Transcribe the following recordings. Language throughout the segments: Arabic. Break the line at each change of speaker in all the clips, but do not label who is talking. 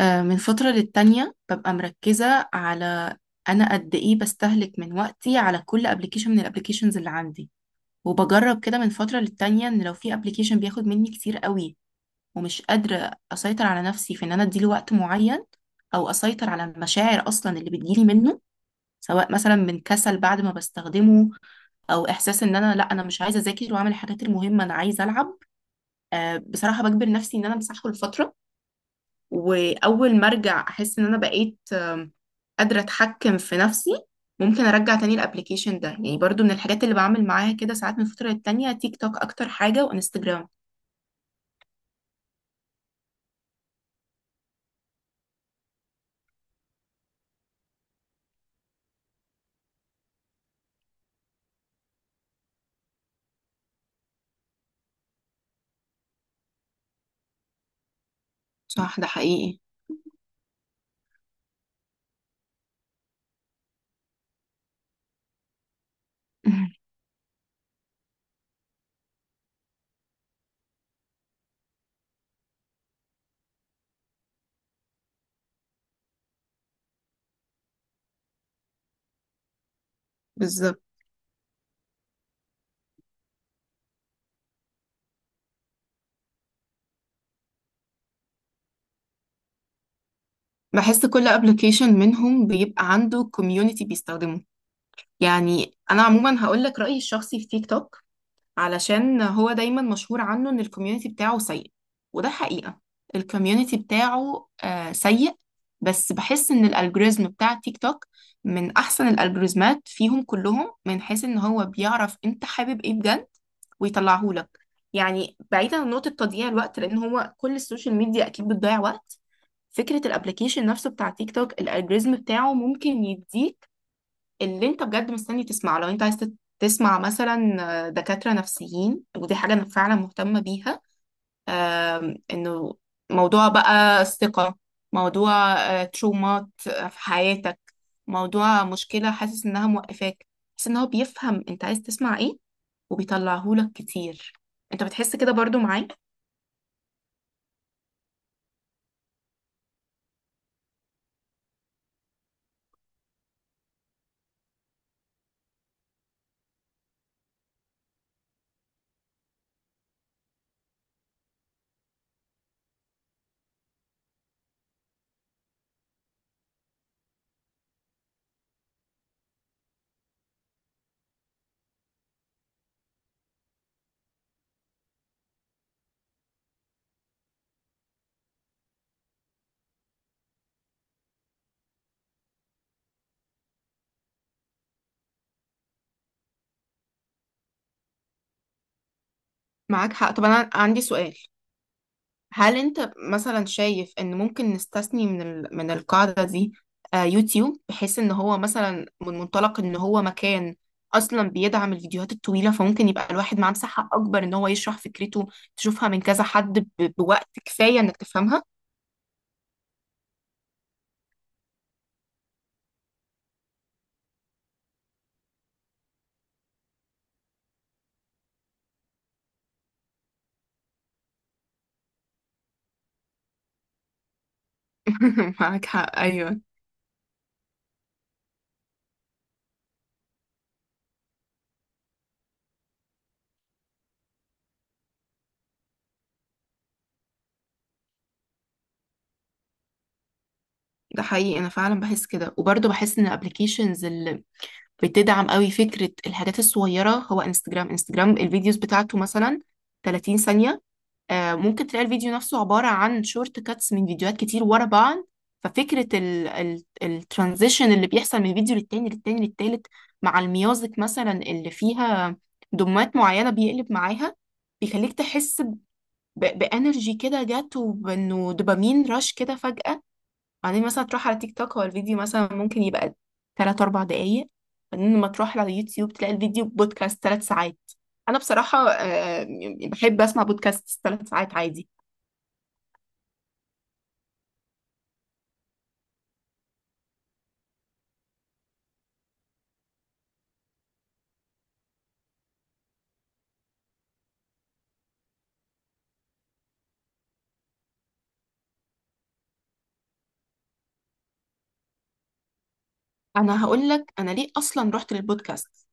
من فترة للتانية ببقى مركزة على أنا قد إيه بستهلك من وقتي على كل ابلكيشن من الابلكيشنز اللي عندي. وبجرب كده من فترة للتانية، إن لو في ابلكيشن بياخد مني كتير قوي ومش قادرة أسيطر على نفسي في إن أنا أديله وقت معين، أو أسيطر على المشاعر أصلا اللي بتجيلي منه، سواء مثلا من كسل بعد ما بستخدمه، أو إحساس إن أنا لأ أنا مش عايزة أذاكر وأعمل الحاجات المهمة، أنا عايزة ألعب. بصراحة بجبر نفسي إن أنا أمسحه لفترة، وأول ما أرجع أحس إن أنا بقيت قادرة أتحكم في نفسي، ممكن أرجع تاني الأبليكيشن ده. يعني برضو من الحاجات اللي بعمل معاها كده ساعات من فترة للتانية، تيك توك أكتر حاجة، وإنستجرام. صح، ده حقيقي. بالظبط. بحس كل ابلكيشن منهم بيبقى عنده كوميونتي بيستخدمه. يعني انا عموما هقول لك رايي الشخصي في تيك توك، علشان هو دايما مشهور عنه ان الكوميونتي بتاعه سيء، وده حقيقة. الكوميونتي بتاعه سيء. بس بحس ان الالجوريزم بتاع تيك توك من احسن الالجوريزمات فيهم كلهم، من حيث ان هو بيعرف انت حابب ايه بجد ويطلعهولك. يعني بعيدا عن نقطة تضييع الوقت، لان هو كل السوشيال ميديا اكيد بتضيع وقت، فكرة الابليكيشن نفسه بتاع تيك توك، الالجوريزم بتاعه ممكن يديك اللي انت بجد مستني تسمعه. لو انت عايز تسمع مثلا دكاترة نفسيين، ودي حاجة انا فعلا مهتمة بيها، انه موضوع بقى الثقة، موضوع ترومات في حياتك، موضوع مشكلة حاسس انها موقفاك، حاسس ان هو بيفهم انت عايز تسمع ايه وبيطلعهولك كتير. انت بتحس كده برضو معايا؟ معاك حق. طب انا عندي سؤال، هل انت مثلا شايف ان ممكن نستثني من من القاعدة دي يوتيوب، بحيث ان هو مثلا من منطلق ان هو مكان اصلا بيدعم الفيديوهات الطويلة، فممكن يبقى الواحد معاه مساحة اكبر ان هو يشرح فكرته، تشوفها من كذا حد بوقت كفاية انك تفهمها؟ معاك حق، ايوه. ده حقيقي، انا فعلا بحس كده. وبرضه بحس ان الابلكيشنز اللي بتدعم قوي فكرة الحاجات الصغيرة هو انستجرام. انستجرام الفيديوز بتاعته مثلا 30 ثانية، ممكن تلاقي الفيديو نفسه عبارة عن شورت كاتس من فيديوهات كتير ورا بعض. ففكرة الترانزيشن اللي بيحصل من فيديو للتاني للتالت، مع الميوزك مثلا اللي فيها دمات معينة بيقلب معاها، بيخليك تحس بانرجي كده جت، وبانه دوبامين رش كده فجأة. بعدين مثلا تروح على تيك توك، هو الفيديو مثلا ممكن يبقى تلات أربع دقايق. بعدين لما تروح على يوتيوب تلاقي الفيديو بودكاست ثلاث ساعات. أنا بصراحة بحب أسمع بودكاست ثلاث ساعات عادي. انا هقول لك انا ليه اصلا رحت للبودكاست.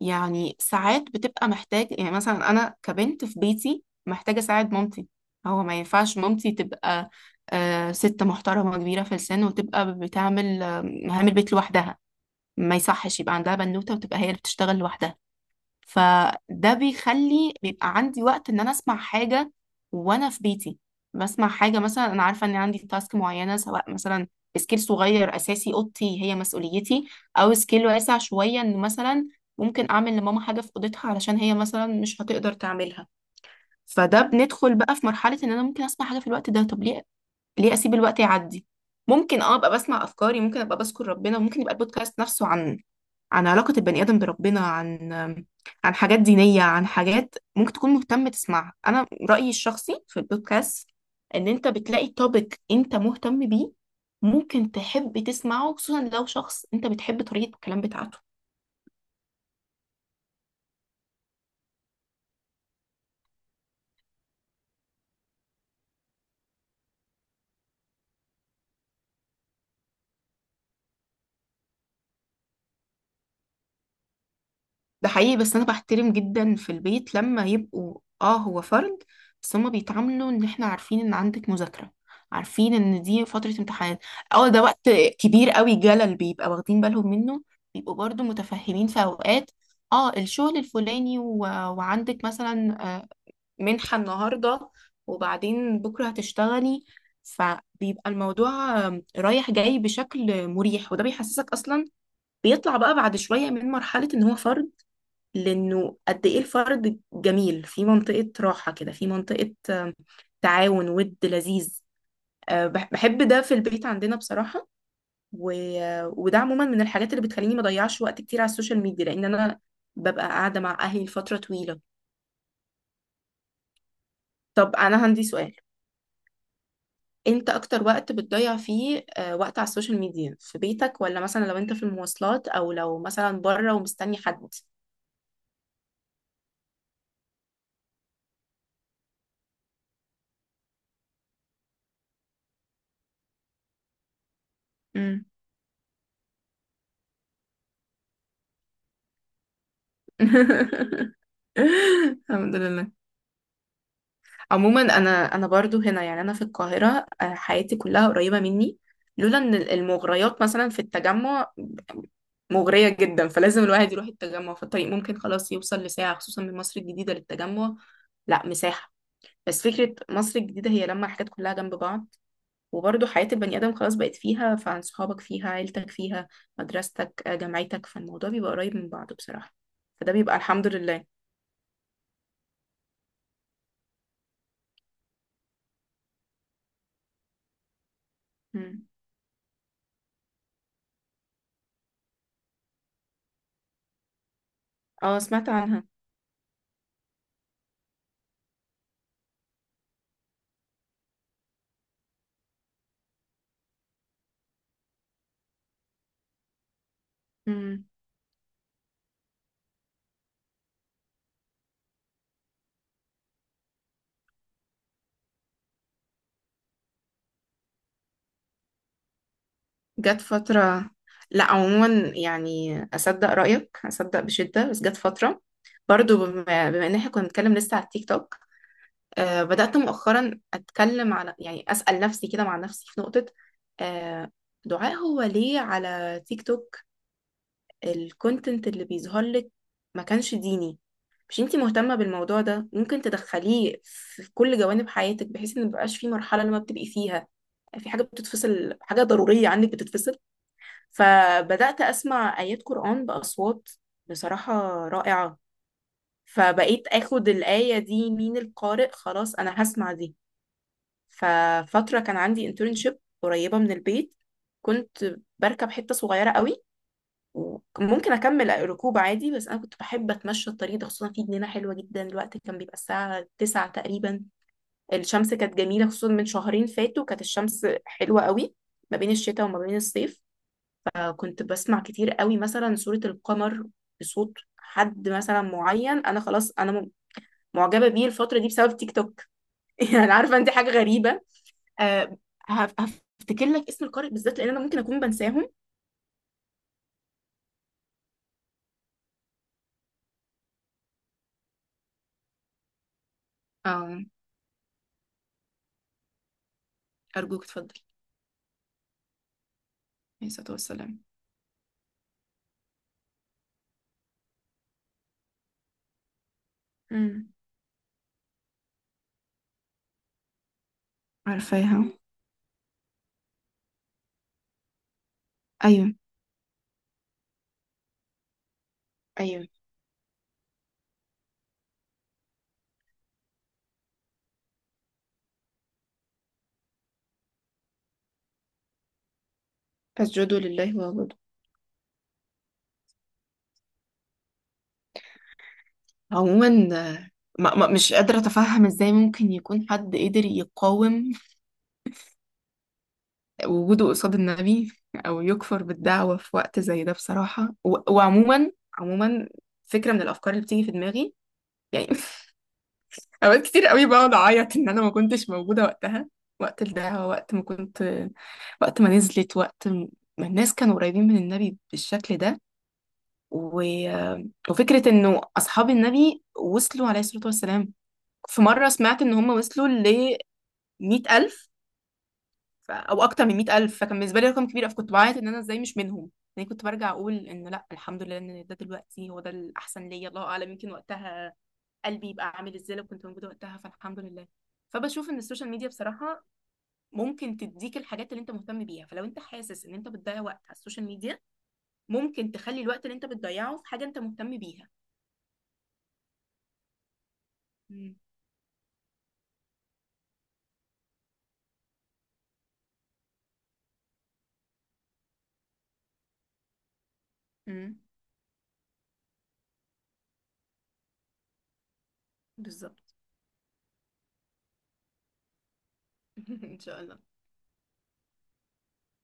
يعني ساعات بتبقى محتاج، يعني مثلا انا كبنت في بيتي محتاجه اساعد مامتي. هو ما ينفعش مامتي تبقى ست محترمه كبيره في السن وتبقى بتعمل مهام البيت لوحدها. ما يصحش يبقى عندها بنوته وتبقى هي اللي بتشتغل لوحدها. فده بيخلي بيبقى عندي وقت ان انا اسمع حاجة وانا في بيتي. بسمع حاجة مثلا انا عارفة ان عندي تاسك معينة، سواء مثلا سكيل صغير اساسي اوضتي هي مسؤوليتي، او سكيل واسع شوية ان مثلا ممكن اعمل لماما حاجة في اوضتها علشان هي مثلا مش هتقدر تعملها. فده بندخل بقى في مرحلة ان انا ممكن اسمع حاجة في الوقت ده. طب ليه؟ ليه اسيب الوقت يعدي؟ ممكن اه ابقى بسمع افكاري، ممكن ابقى بذكر ربنا، ممكن يبقى البودكاست نفسه عن عن علاقة البني آدم بربنا، عن عن حاجات دينية، عن حاجات ممكن تكون مهتم تسمعها. أنا رأيي الشخصي في البودكاست إن أنت بتلاقي توبيك أنت مهتم بيه، ممكن تحب تسمعه خصوصا لو شخص أنت بتحب طريقة الكلام بتاعته. ده حقيقي. بس انا بحترم جدا في البيت لما يبقوا اه هو فرد، بس هما بيتعاملوا ان احنا عارفين ان عندك مذاكرة، عارفين ان دي فترة امتحانات، اه ده وقت كبير قوي جلل بيبقى واخدين بالهم منه. بيبقوا برضو متفهمين في اوقات اه الشغل الفلاني وعندك مثلا منحة النهاردة، وبعدين بكرة هتشتغلي. فبيبقى الموضوع رايح جاي بشكل مريح، وده بيحسسك اصلا، بيطلع بقى بعد شوية من مرحلة ان هو فرد، لانه قد ايه الفرد جميل في منطقة راحة كده، في منطقة تعاون ود لذيذ. بحب ده في البيت عندنا بصراحة. و... آه، وده عموما من الحاجات اللي بتخليني ما اضيعش وقت كتير على السوشيال ميديا، لان انا ببقى قاعدة مع اهلي لفترة طويلة. طب انا عندي سؤال، انت اكتر وقت بتضيع فيه وقت على السوشيال ميديا في بيتك، ولا مثلا لو انت في المواصلات، او لو مثلا بره ومستني حد؟ مم. الحمد لله. عموما انا انا برضو هنا، يعني انا في القاهره حياتي كلها قريبه مني. لولا ان المغريات مثلا في التجمع مغريه جدا، فلازم الواحد يروح التجمع. فالطريق ممكن خلاص يوصل لساعه، خصوصا من مصر الجديده للتجمع. لا مساحه. بس فكره مصر الجديده هي لما الحاجات كلها جنب بعض، وبرضو حياه البني ادم خلاص بقت فيها، فعن صحابك فيها، عيلتك فيها، مدرستك جامعتك، فالموضوع بيبقى قريب من بعضه بصراحه. فده بيبقى الحمد لله. مم. اه، سمعت عنها. مم. جت فترة. لا، عموما يعني أصدق رأيك، أصدق بشدة. بس جت فترة برضو بما إن احنا كنا بنتكلم لسه على التيك توك، آه بدأت مؤخرا أتكلم على، يعني أسأل نفسي كده مع نفسي في نقطة، آه، دعاء هو ليه على تيك توك الكونتنت اللي بيظهر لك ما كانش ديني؟ مش انتي مهتمة بالموضوع ده؟ ممكن تدخليه في كل جوانب حياتك، بحيث ان مبقاش في مرحلة لما بتبقي فيها يعني في حاجة بتتفصل، حاجة ضرورية عنك بتتفصل. فبدأت أسمع آيات قرآن بأصوات بصراحة رائعة. فبقيت أخد الآية دي من القارئ، خلاص أنا هسمع دي. ففترة كان عندي انترنشيب قريبة من البيت، كنت بركب حتة صغيرة قوي، وممكن أكمل ركوب عادي، بس أنا كنت بحب أتمشى الطريق ده، خصوصا في جنينة حلوة جدا. الوقت كان بيبقى الساعة 9 تقريبا، الشمس كانت جميلة، خصوصا من شهرين فاتوا كانت الشمس حلوة قوي، ما بين الشتاء وما بين الصيف. كنت بسمع كتير قوي مثلا سورة القمر، بصوت حد مثلا معين انا خلاص معجبة بيه الفترة دي بسبب تيك توك. يعني عارفة انت حاجة غريبة، أه، هفتكر لك اسم القارئ بالذات، لان انا ممكن اكون بنساهم. أه، أرجوك اتفضل. عليه الصلاة والسلام. مم. عارفاها. ايوه. ايوه. فاسجدوا لله واعبدوا. عموما مش قادرة أتفهم إزاي ممكن يكون حد قدر يقاوم وجوده قصاد النبي، او يكفر بالدعوة في وقت زي ده بصراحة. وعموما، عموما، فكرة من الافكار اللي بتيجي في دماغي يعني، اوقات كتير قوي بقعد اعيط ان انا ما كنتش موجودة وقتها. وقت الدعوة، وقت ما كنت، وقت ما نزلت، وقت ما الناس كانوا قريبين من النبي بالشكل ده. و... وفكرة انه اصحاب النبي وصلوا عليه الصلاة والسلام، في مرة سمعت ان هم وصلوا ل 100,000، او اكتر من 100,000، فكان بالنسبه لي رقم كبير. فكنت بعيط ان انا ازاي مش منهم. يعني كنت برجع اقول ان لا الحمد لله ان ده دلوقتي هو ده الاحسن ليا، الله اعلم يمكن وقتها قلبي يبقى عامل ازاي لو كنت موجوده وقتها، فالحمد لله. فبشوف ان السوشيال ميديا بصراحه ممكن تديك الحاجات اللي انت مهتم بيها. فلو انت حاسس ان انت بتضيع وقت على السوشيال ميديا، ممكن تخلي الوقت اللي انت بتضيعه في حاجه انت مهتم بيها. امم. بالظبط. ان شاء الله.